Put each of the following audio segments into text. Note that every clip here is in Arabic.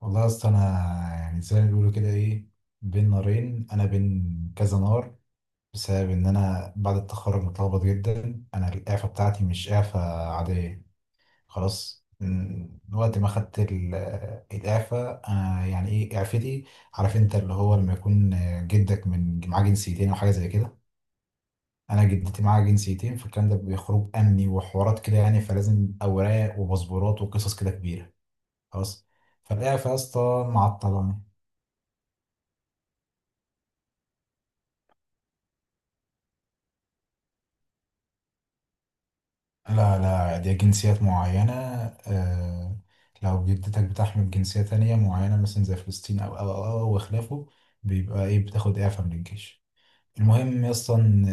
والله يا اسطى انا، يعني زي ما بيقولوا كده ايه، بين نارين، انا بين كذا نار، بسبب ان انا بعد التخرج متلخبط جدا. انا الاعفاء بتاعتي مش اعفاء عاديه، خلاص. من وقت ما خدت الاعفاء. انا يعني ايه، اعفتي، عارف انت اللي هو لما يكون جدك من معاه جنسيتين او حاجه زي كده. انا جدتي معاها جنسيتين، فالكلام ده بيخرج امني وحوارات كده يعني، فلازم اوراق وباسبورات وقصص كده كبيره، خلاص. فالاعفاء يا اسطى معطلاني. لا لا، دي جنسيات معينة. آه، لو جدتك بتحمل جنسية تانية معينة مثلا زي فلسطين أو وخلافه، بيبقى إيه، بتاخد إعفاء من الجيش. المهم أصلا،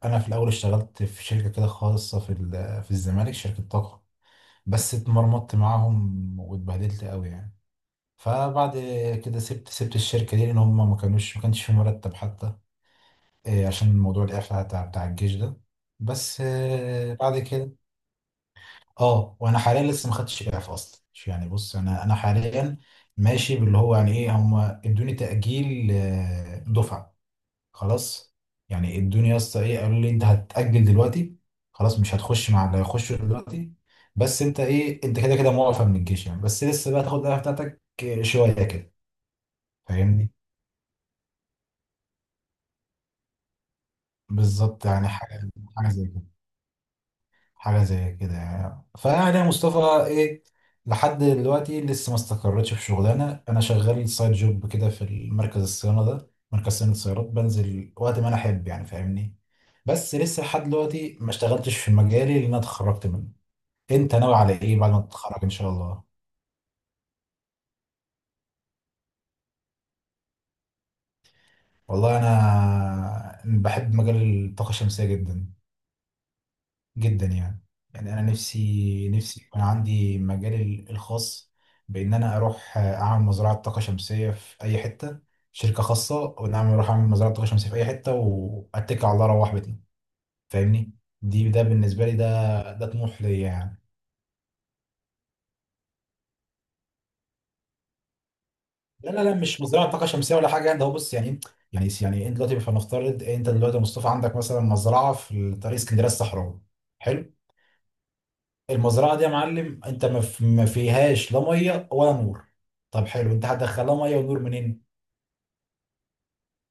أنا في الأول اشتغلت في شركة كده خاصة في الزمالك، شركة طاقة. بس اتمرمطت معاهم واتبهدلت قوي يعني. فبعد كده سبت الشركة دي، لأن هم ما كانوش، ما كانش في مرتب حتى، عشان موضوع الإعفاء بتاع الجيش ده. بس، بعد كده، اه، وانا حاليا لسه ما خدتش اعفاء اصلا يعني. بص انا حاليا ماشي باللي هو يعني ايه، هم ادوني تاجيل، دفعه، خلاص. يعني ادوني يا اسطى ايه، قالوا لي انت هتاجل دلوقتي، خلاص مش هتخش مع اللي هيخشوا دلوقتي. بس انت ايه، انت كده كده موقف من الجيش يعني، بس لسه بقى تاخد الاعفاء بتاعتك شويه كده. فاهمني. بالظبط، يعني حاجه، حاجه زي كده، حاجة زي كده يعني. فيعني يا مصطفى ايه، لحد دلوقتي لسه ما استقرتش في شغلانة. انا شغال سايد جوب كده في مركز الصيانة ده، مركز صيانة السيارات، بنزل وقت ما انا احب يعني، فاهمني. بس لسه لحد دلوقتي ما اشتغلتش في مجالي، لان انا اتخرجت منه. انت ناوي على ايه بعد ما تتخرج ان شاء الله؟ والله انا بحب مجال الطاقة الشمسية جدا، جدا يعني. يعني انا نفسي يكون عندي مجالي الخاص، بان انا اروح اعمل مزرعه طاقه شمسيه في اي حته، شركه خاصه، وان انا اروح اعمل مزرعه طاقه شمسيه في اي حته واتكل على الله اروح بيتنا. فاهمني. دي، بالنسبه لي ده، طموح ليا يعني. لا لا لا، مش مزرعه طاقه شمسيه ولا حاجه، ده هو بص يعني. يعني انت دلوقتي، فنفترض انت دلوقتي يا مصطفى عندك مثلا مزرعه في طريق اسكندريه الصحراوي، حلو؟ المزرعه دي يا معلم انت ما فيهاش لا ميه ولا نور. طب حلو، انت هتدخلها ميه ونور منين؟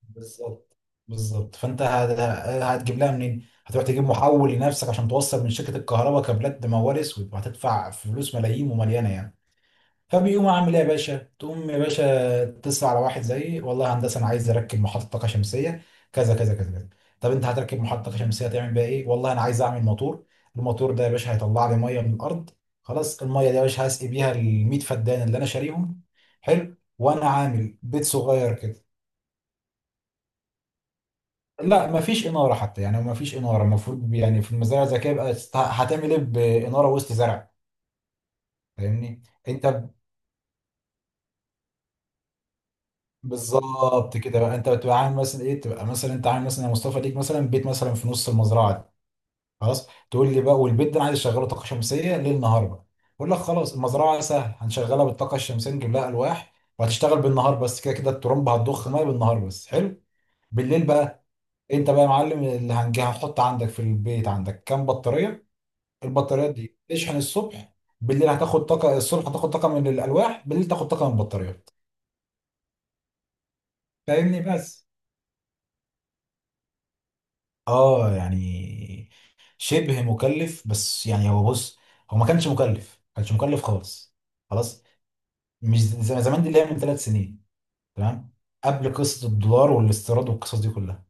بالظبط. بالظبط. فانت هتجيب لها منين؟ هتروح تجيب محول لنفسك عشان توصل من شركه الكهرباء كابلات بموال اسود، وهتدفع فلوس ملايين ومليانه يعني. فبيقوم عامل ايه يا باشا، تقوم يا باشا تتصل على واحد زيي، والله يا هندسه انا عايز اركب محطه طاقه شمسيه، كذا كذا كذا كذا. طب انت هتركب محطه طاقه شمسيه هتعمل بيها ايه؟ والله انا عايز اعمل موتور. الموتور ده يا باشا هيطلع لي ميه من الارض، خلاص. الميه دي يا باشا هسقي بيها ال 100 فدان اللي انا شاريهم، حلو، وانا عامل بيت صغير كده. لا مفيش اناره حتى يعني، مفيش اناره. المفروض يعني في المزارع الذكيه بقى، هتعمل ايه باناره وسط زرع؟ فاهمني. انت، بالظبط كده بقى، انت بتبقى عامل مثلا ايه، تبقى مثلا انت عامل مثلا يا مصطفى ليك مثلا بيت مثلا في نص المزرعه دي، خلاص. تقول لي بقى، والبيت ده انا عايز اشغله طاقه شمسيه ليل نهار بقى. اقول لك خلاص، المزرعه سهل هنشغلها بالطاقه الشمسيه، نجيب لها الواح وهتشتغل بالنهار بس، كده كده الترمبه هتضخ ميه بالنهار بس، حلو. بالليل بقى، انت بقى يا معلم اللي هنجي هنحط عندك في البيت عندك كام بطاريه. البطاريات دي تشحن الصبح، بالليل هتاخد طاقه، الصبح هتاخد طاقه من الالواح، بالليل تاخد طاقه من البطاريات. فاهمني. بس اه يعني، شبه مكلف، بس يعني هو بص، هو ما كانش مكلف، ما كانش مكلف خالص، خلاص. مش زي زمان، دي اللي هي من ثلاث سنين، تمام، قبل قصه الدولار والاستيراد والقصص دي كلها،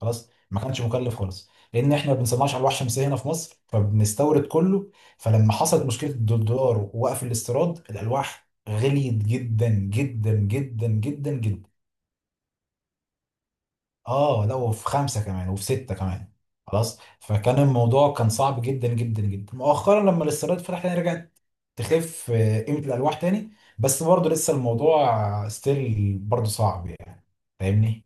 خلاص، ما كانش مكلف خالص. لان احنا ما بنصنعش الواح شمسيه هنا في مصر، فبنستورد كله. فلما حصلت مشكله الدولار ووقف الاستيراد، الالواح غليت جدا جدا جدا جدا جدا. اه، لا، وفي خمسه كمان وفي سته كمان، خلاص. فكان الموضوع كان صعب جدا جدا جدا. مؤخرا لما الاستيراد فتح تاني، رجعت تخف قيمه الالواح تاني، بس برضه لسه الموضوع ستيل برضه صعب يعني، فاهمني.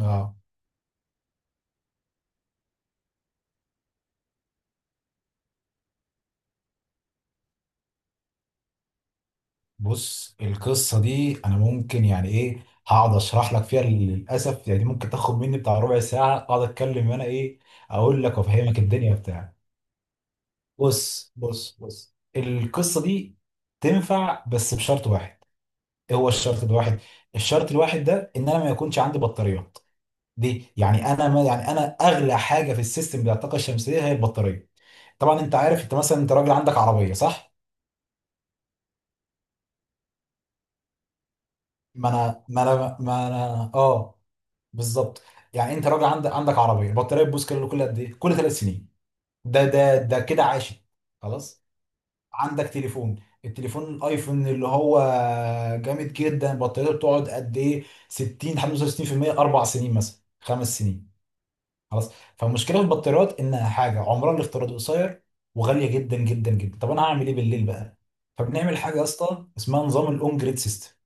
اه، بص القصه دي انا ممكن يعني ايه هقعد اشرح لك فيها للاسف يعني، دي ممكن تاخد مني بتاع ربع ساعه اقعد اتكلم وانا ايه، اقول لك وافهمك الدنيا بتاع. بص بص بص، القصه دي تنفع بس بشرط واحد. هو الشرط الواحد، الشرط الواحد ده، ان انا ما يكونش عندي بطاريات دي. يعني انا، ما، يعني انا اغلى حاجه في السيستم بتاع الطاقه الشمسيه هي البطاريه. طبعا انت عارف، انت مثلا انت راجل عندك عربيه، صح؟ ما انا اه، بالظبط. يعني انت راجل عندك عربيه، البطاريه بتبوظ كل قد ايه، كل ثلاث سنين، ده كده عاشت، خلاص. عندك تليفون، التليفون الايفون اللي هو جامد جدا بطاريته بتقعد قد ايه، 60 65% اربع سنين مثلا، خمس سنين، خلاص. فالمشكله في البطاريات انها حاجه عمرها الافتراضي قصير وغاليه جدا جدا جدا. طب انا هعمل ايه بالليل بقى؟ فبنعمل حاجه يا اسطى اسمها نظام الاون جريد سيستم.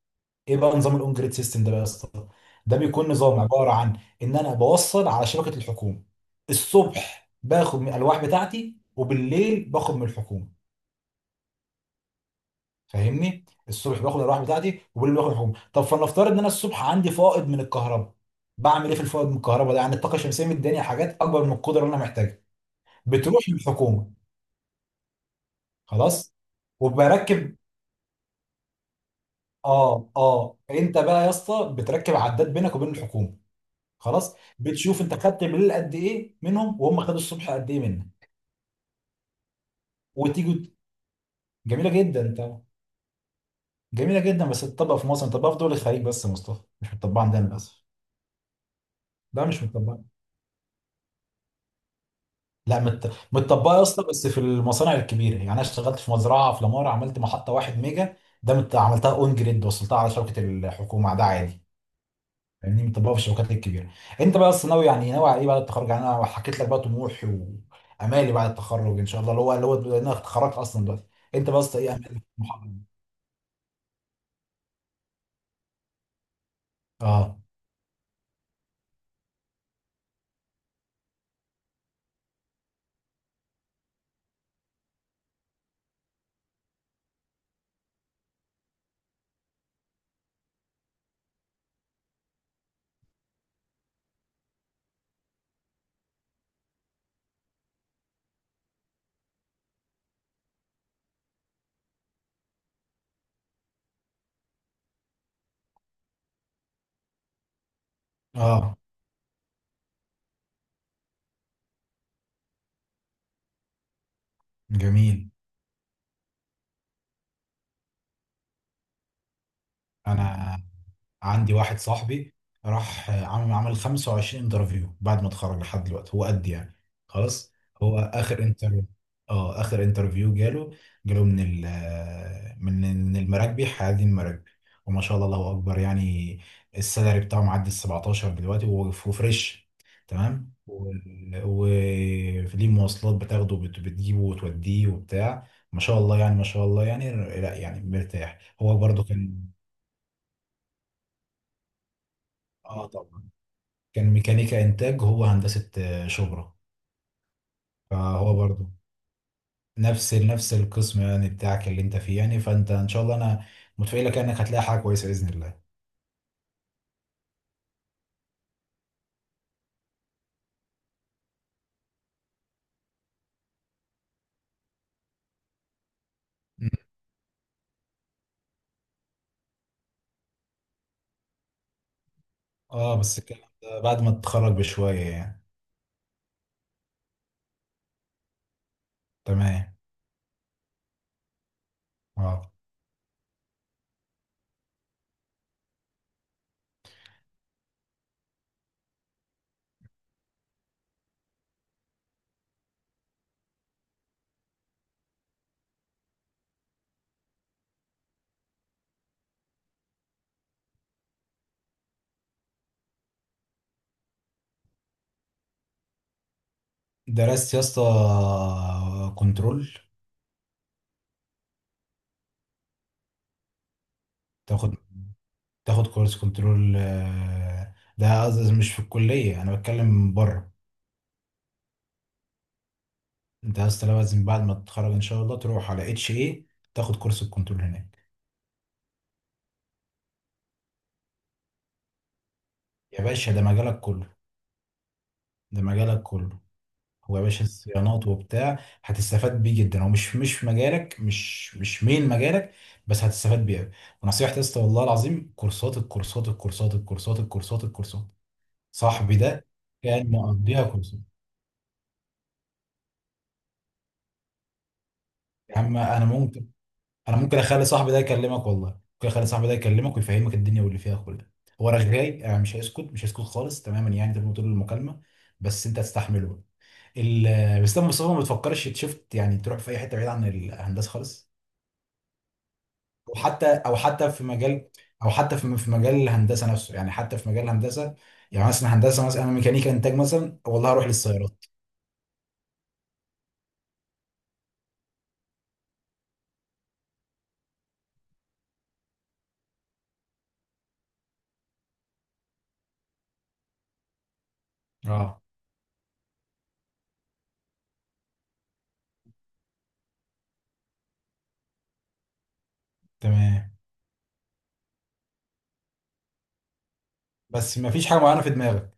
ايه بقى نظام الاون جريد سيستم ده بقى يا اسطى؟ ده بيكون نظام عباره عن ان انا بوصل على شبكه الحكومه، الصبح باخد من الالواح بتاعتي وبالليل باخد من الحكومه. فاهمني، الصبح باخد الالواح بتاعتي وبالليل باخد الحكومه. طب فلنفترض ان انا الصبح عندي فائض من الكهرباء، بعمل ايه في الفائض من الكهرباء ده؟ يعني الطاقه الشمسيه مداني حاجات اكبر من القدره اللي انا محتاجها، بتروح للحكومه، خلاص. وبركب، اه اه، انت بقى يا اسطى بتركب عداد بينك وبين الحكومه، خلاص، بتشوف انت خدت بالليل قد ايه منهم وهم خدوا الصبح قد ايه منك. وتيجي، جميله جدا. انت، جميله جدا، بس تطبق في مصر، تطبق في دول الخليج بس يا مصطفى، مش متطبقه عندنا للاسف. لا مش متطبقه. لا، متطبقه يا اسطى بس في المصانع الكبيره. يعني انا اشتغلت في مزرعه في لامار، عملت محطه واحد ميجا، ده، عملتها اون جريد، وصلتها على شبكه الحكومه، ده عادي. فاهمني، ما تطبقها في الشبكات الكبيره. انت بقى اصلا ناوي يعني، ناوي على ايه بعد التخرج؟ يعني انا حكيت لك بقى طموحي وامالي بعد التخرج ان شاء الله، اللي هو لأن انا اتخرجت اصلا دلوقتي. انت بس ايه امالك طموحك؟ اه اه، جميل. انا عندي واحد صاحبي راح، عمل 25 انترفيو بعد ما اتخرج لحد دلوقتي، هو قد يعني، خلاص. هو اخر انترفيو، اه اخر انترفيو جاله من ال من من المراكبي حيادي المراكبي. وما شاء الله، الله اكبر يعني، السالري بتاعه معدي ال 17 دلوقتي، وهو وفريش، تمام، وليه مواصلات بتاخده وبت- بتجيبه وتوديه وبتاع، ما شاء الله يعني، ما شاء الله يعني. لا يعني مرتاح، هو برضه كان، اه طبعا، كان ميكانيكا انتاج، هو هندسة شبرا. فهو برضو نفس القسم يعني بتاعك اللي انت فيه يعني، فانت ان شاء الله انا متفائلك انك هتلاقي حاجة كويسة بإذن الله. م. اه، بس الكلام ده بعد ما تتخرج بشوية يعني، تمام. اه، درست يا اسطى كنترول؟ تاخد تاخد كورس كنترول ده، قصدي مش في الكلية، انا بتكلم بره. انت يا اسطى لازم بعد ما تتخرج ان شاء الله تروح على اتش اي، تاخد كورس الكنترول هناك. يا باشا ده مجالك كله، ده مجالك كله. هو يا باشا الصيانات وبتاع هتستفاد بيه جدا، هو مش في مجالك، مش مين مجالك، بس هتستفاد بيه أوي. ونصيحتي يا اسطى والله العظيم، كورسات، الكورسات الكورسات الكورسات الكورسات الكورسات. صاحبي ده كان مقضيها كورسات. يا عم انا ممكن اخلي صاحبي ده يكلمك، والله ممكن اخلي صاحبي ده يكلمك ويفهمك الدنيا واللي فيها كلها. هو رغاي يعني، مش هيسكت، مش هيسكت خالص تماما يعني، تبقى طول المكالمه، بس انت هتستحمله. بس ده مصطفى ما بتفكرش شفت يعني تروح في اي حته بعيد عن الهندسه خالص، او حتى في مجال، او حتى في مجال الهندسه نفسه يعني، حتى في مجال الهندسه. يعني مثلا هندسه، مثلا انا ميكانيكا انتاج، مثلا والله هروح للسيارات. اه تمام. بس ما فيش حاجه معينه في دماغك؟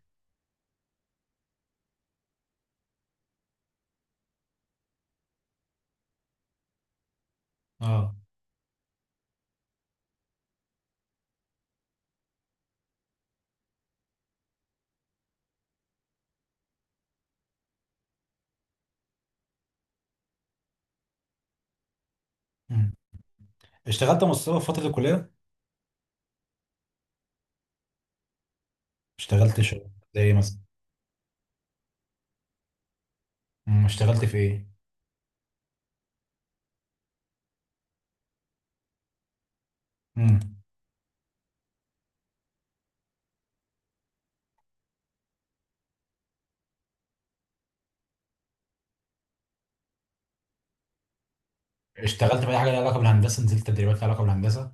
اه. مم. اشتغلت يا مصطفى في فتره الكليه؟ اشتغلت شغل زي ايه مثلا؟ مم. اشتغلت في ايه؟ مم. اشتغلت في اي حاجه لها علاقه بالهندسه؟ نزلت تدريبات لها علاقه بالهندسه؟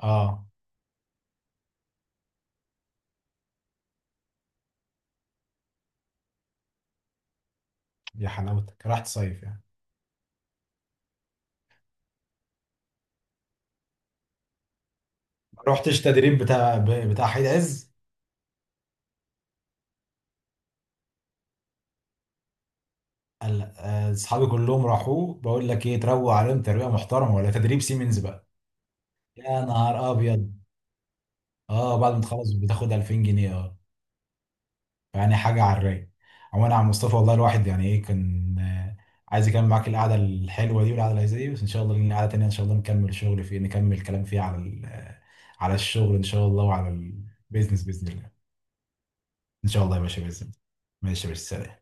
اه. يا حلاوتك، رحت صيف يعني. رحتش تدريب بتاع حيد عز؟ قال لأ. اصحابي كلهم راحوا، بقول لك ايه، تروق عليهم تربيه محترمه ولا تدريب سيمنز بقى. يا نهار ابيض، اه، بعد ما تخلص بتاخد 2000 جنيه، اه. يعني حاجه على الرايق. عموما يا عم مصطفى، والله الواحد يعني ايه كان عايز يكمل معاك القعده الحلوه دي، والقعده اللذيذه دي، بس ان شاء الله لنا قعده تانيه ان شاء الله، نكمل شغل فيه، نكمل كلام فيه على على الشغل ان شاء الله، وعلى البيزنس باذن الله. ان شاء الله يا باشا، باذن الله. ماشي يا باشا، سلام.